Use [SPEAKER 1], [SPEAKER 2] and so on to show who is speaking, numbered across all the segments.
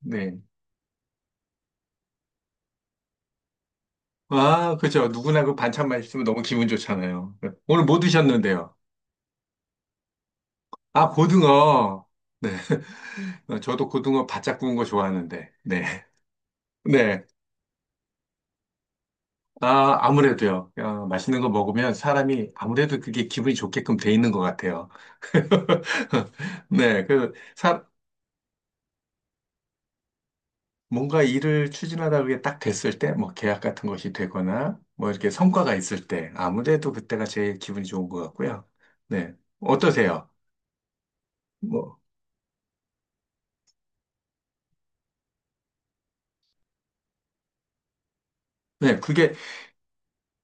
[SPEAKER 1] 네. 아, 그죠. 누구나 그 반찬 맛있으면 너무 기분 좋잖아요. 네. 오늘 뭐 드셨는데요? 아, 고등어. 네. 저도 고등어 바짝 구운 거 좋아하는데. 네. 네. 아, 아무래도요. 맛있는 거 먹으면 사람이 아무래도 그게 기분이 좋게끔 돼 있는 것 같아요. 네. 뭔가 일을 추진하다 그게 딱 됐을 때, 뭐 계약 같은 것이 되거나, 뭐 이렇게 성과가 있을 때, 아무래도 그때가 제일 기분이 좋은 것 같고요. 네. 어떠세요? 뭐 네, 그게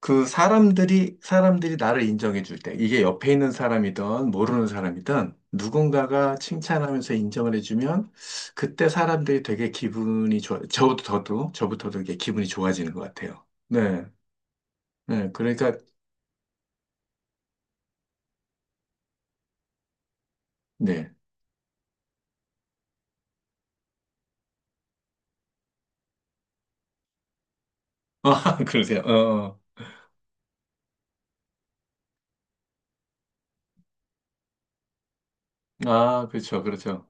[SPEAKER 1] 그 사람들이 나를 인정해 줄 때, 이게 옆에 있는 사람이든 모르는 사람이든 누군가가 칭찬하면서 인정을 해주면 그때 사람들이 되게 기분이 좋아, 저부터도 이게 기분이 좋아지는 것 같아요. 네, 네, 그러니까, 네. 아, 그러세요. 어, 어. 아, 그렇죠, 그렇죠.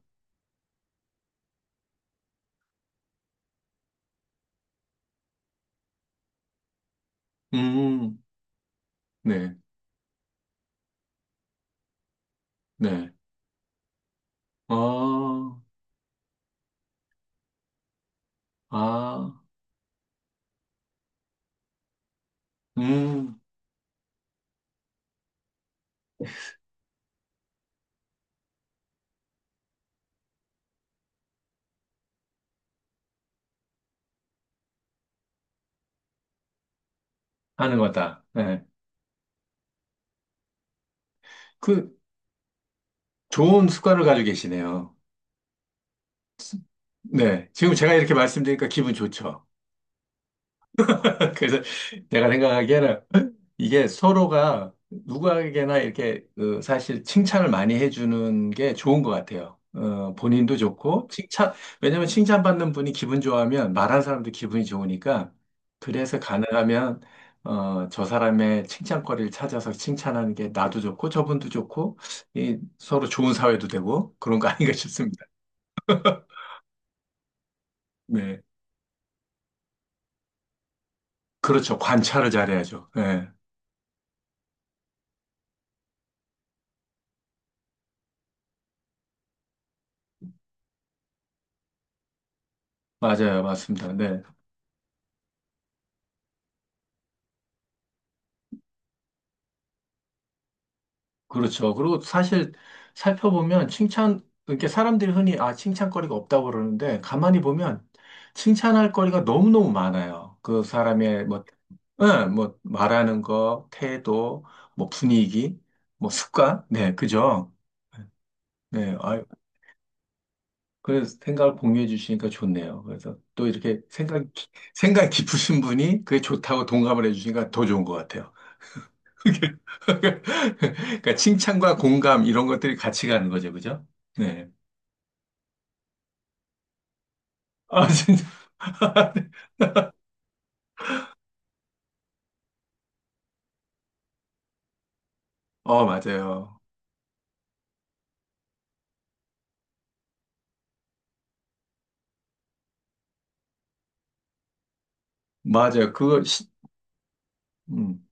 [SPEAKER 1] 음, 네, 네. 어, 아, 음, 하는 거다. 네. 그 좋은 습관을 가지고 계시네요. 네. 지금 제가 이렇게 말씀드리니까 기분 좋죠. 그래서 내가 생각하기에는 이게 서로가 누구에게나 이렇게 사실 칭찬을 많이 해주는 게 좋은 것 같아요. 본인도 좋고, 칭찬, 왜냐면 칭찬받는 분이 기분 좋아하면 말하는 사람도 기분이 좋으니까, 그래서 가능하면, 저 사람의 칭찬거리를 찾아서 칭찬하는 게 나도 좋고, 저분도 좋고, 이 서로 좋은 사회도 되고, 그런 거 아닌가 싶습니다. 네. 그렇죠. 관찰을 잘해야죠. 네. 맞아요. 맞습니다. 네. 그렇죠. 그리고 사실 살펴보면 칭찬, 이렇게 사람들이 흔히 아, 칭찬거리가 없다고 그러는데 가만히 보면 칭찬할 거리가 너무너무 많아요. 그 사람의 뭐, 예, 뭐 말하는 거, 태도, 뭐 분위기, 뭐 습관. 네, 그죠? 네. 아, 그래서 생각을 공유해 주시니까 좋네요. 그래서 또 이렇게 생각, 생각 깊으신 분이 그게 좋다고 동감을 해 주시니까 더 좋은 것 같아요. 그러니까 칭찬과 공감 이런 것들이 같이 가는 거죠, 그죠? 네. 아, 진짜. 어, 맞아요. 맞아요. 그거, 시, 음.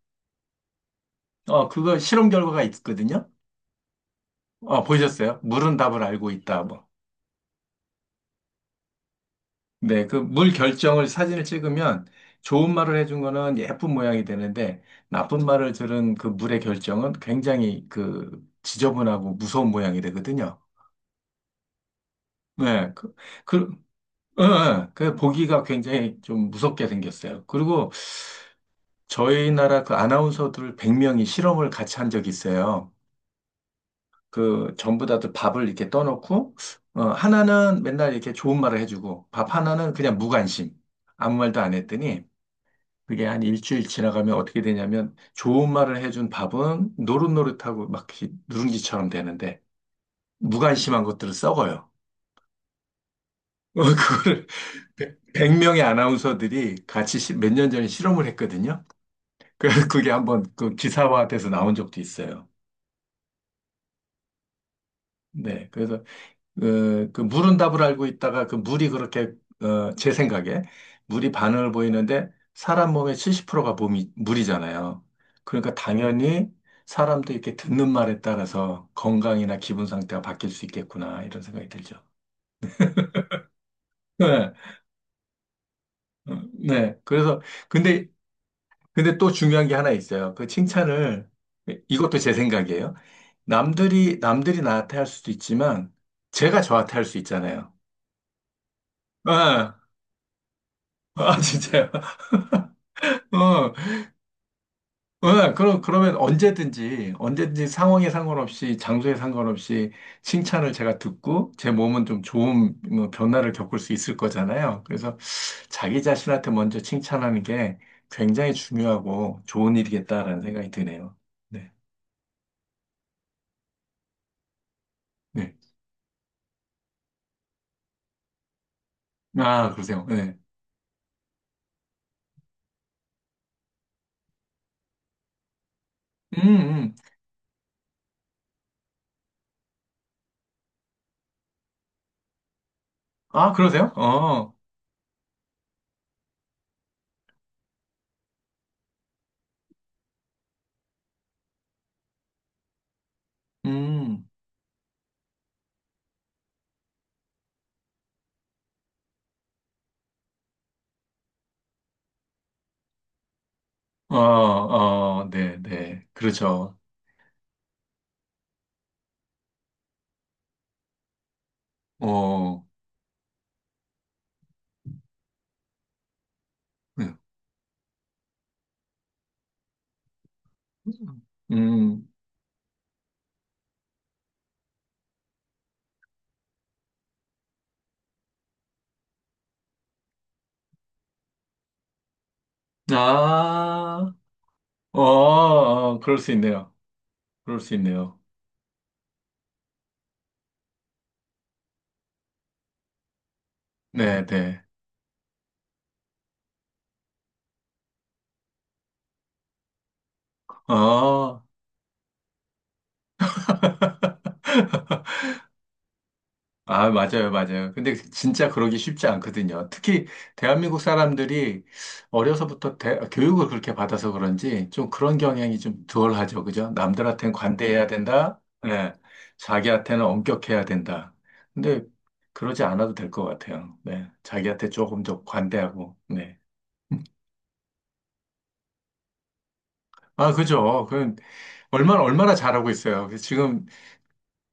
[SPEAKER 1] 그거 실험 결과가 있거든요. 보셨어요? 물은 답을 알고 있다, 뭐. 네, 그 물 결정을 사진을 찍으면 좋은 말을 해준 거는 예쁜 모양이 되는데 나쁜 말을 들은 그 물의 결정은 굉장히 그 지저분하고 무서운 모양이 되거든요. 네, 그, 그 예, 예. 그 보기가 굉장히 좀 무섭게 생겼어요. 그리고 저희 나라 그 아나운서들 100명이 실험을 같이 한 적이 있어요. 그 전부 다들 밥을 이렇게 떠놓고 하나는 맨날 이렇게 좋은 말을 해주고 밥 하나는 그냥 무관심 아무 말도 안 했더니 그게 한 일주일 지나가면 어떻게 되냐면 좋은 말을 해준 밥은 노릇노릇하고 막 이렇게 누룽지처럼 되는데 무관심한 것들을 썩어요. 그거를 100명의 아나운서들이 같이 몇 년 전에 실험을 했거든요. 그, 그게 한번 그 기사화돼서 나온 적도 있어요. 네. 그래서, 그, 그 물은 답을 알고 있다가 그 물이 그렇게, 제 생각에 물이 반응을 보이는데 사람 몸의 70%가 몸이, 물이잖아요. 그러니까 당연히 사람도 이렇게 듣는 말에 따라서 건강이나 기분 상태가 바뀔 수 있겠구나, 이런 생각이 들죠. 네. 어, 네. 그래서, 근데 근데 또 중요한 게 하나 있어요. 그 칭찬을, 이것도 제 생각이에요. 남들이 나한테 할 수도 있지만, 제가 저한테 할 수 있잖아요. 아, 아, 진짜요? 어, 어, 그럼, 그러면 언제든지 상황에 상관없이, 장소에 상관없이 칭찬을 제가 듣고, 제 몸은 좀 좋은 뭐 변화를 겪을 수 있을 거잖아요. 그래서 자기 자신한테 먼저 칭찬하는 게 굉장히 중요하고 좋은 일이겠다라는 생각이 드네요. 네. 네. 아, 그러세요. 네. 음, 음. 아, 그러세요? 어, 음, 어, 어, 네, 네, 그렇죠. 어, 네. 음, 아, 어, 어, 그럴 수 있네요. 그럴 수 있네요. 네, 네. 어, 아, 맞아요, 맞아요. 근데 그 진짜 그러기 쉽지 않거든요. 특히 대한민국 사람들이 어려서부터 교육을 그렇게 받아서 그런지 좀 그런 경향이 좀 덜하죠. 그죠? 남들한테는 관대해야 된다. 네. 자기한테는 엄격해야 된다. 근데 그러지 않아도 될 것 같아요. 네. 자기한테 조금 더 관대하고, 네. 아, 그죠. 그 얼마나 얼마나 잘하고 있어요. 그 지금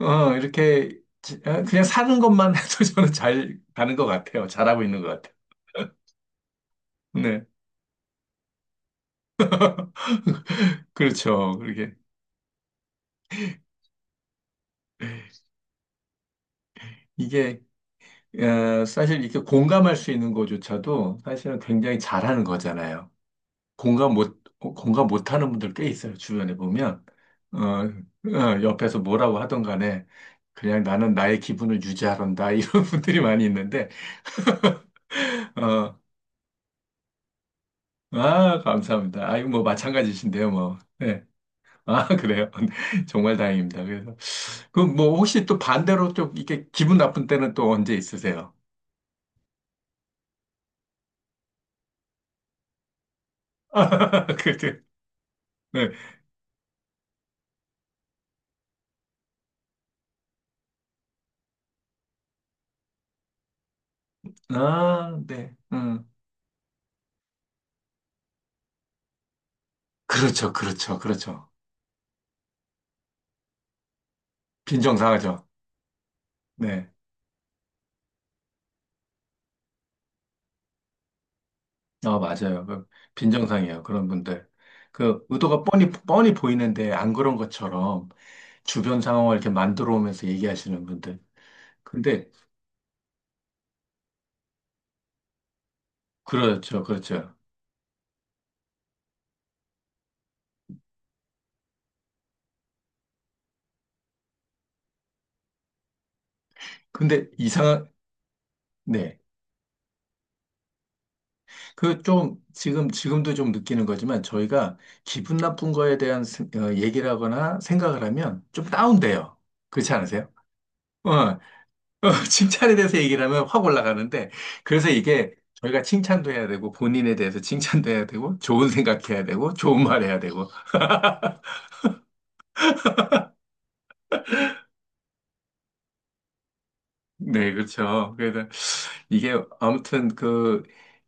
[SPEAKER 1] 그냥 사는 것만 해도 저는 잘 가는 것 같아요. 잘하고 있는 것 같아요. 네. 그렇죠. 그렇게 이게 사실 이렇게 공감할 수 있는 거조차도 사실은 굉장히 잘하는 거잖아요. 공감 못 어, 공감 못하는 분들 꽤 있어요. 주변에 보면 어, 어, 옆에서 뭐라고 하던 간에 그냥 나는 나의 기분을 유지하란다 이런 분들이 많이 있는데 어, 아 감사합니다. 아 이거 뭐 마찬가지신데요, 뭐. 네. 아 그래요. 정말 다행입니다. 그래서 그 뭐 혹시 또 반대로 좀 이렇게 기분 나쁜 때는 또 언제 있으세요? 아, 그, 그, 네. 아, 네. 음. 그렇죠, 그렇죠, 그렇죠. 빈정상하죠. 네. 아, 맞아요. 그 빈정상이에요. 그런 분들. 그, 의도가 뻔히 보이는데 안 그런 것처럼 주변 상황을 이렇게 만들어 오면서 얘기하시는 분들. 근데, 그렇죠, 그렇죠. 근데 이상한, 네. 그 좀, 지금도 좀 느끼는 거지만 저희가 기분 나쁜 거에 대한 얘기를 하거나 생각을 하면 좀 다운돼요. 그렇지 않으세요? 어, 어, 칭찬에 대해서 얘기를 하면 확 올라가는데, 그래서 이게 저희가 칭찬도 해야 되고, 본인에 대해서 칭찬도 해야 되고, 좋은 생각해야 되고, 좋은 말 해야 되고. 네, 그렇죠. 그래서 이게 아무튼 그,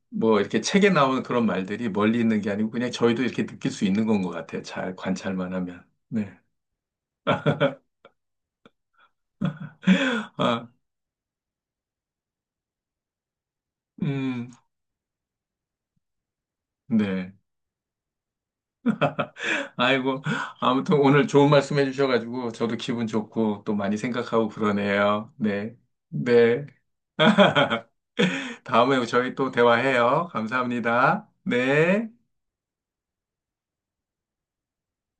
[SPEAKER 1] 뭐 이렇게 책에 나오는 그런 말들이 멀리 있는 게 아니고, 그냥 저희도 이렇게 느낄 수 있는 건 것 같아요. 잘 관찰만 하면. 네. 아, 음, 네. 아이고, 아무튼 오늘 좋은 말씀 해주셔가지고, 저도 기분 좋고, 또 많이 생각하고 그러네요. 네. 네. 다음에 저희 또 대화해요. 감사합니다. 네.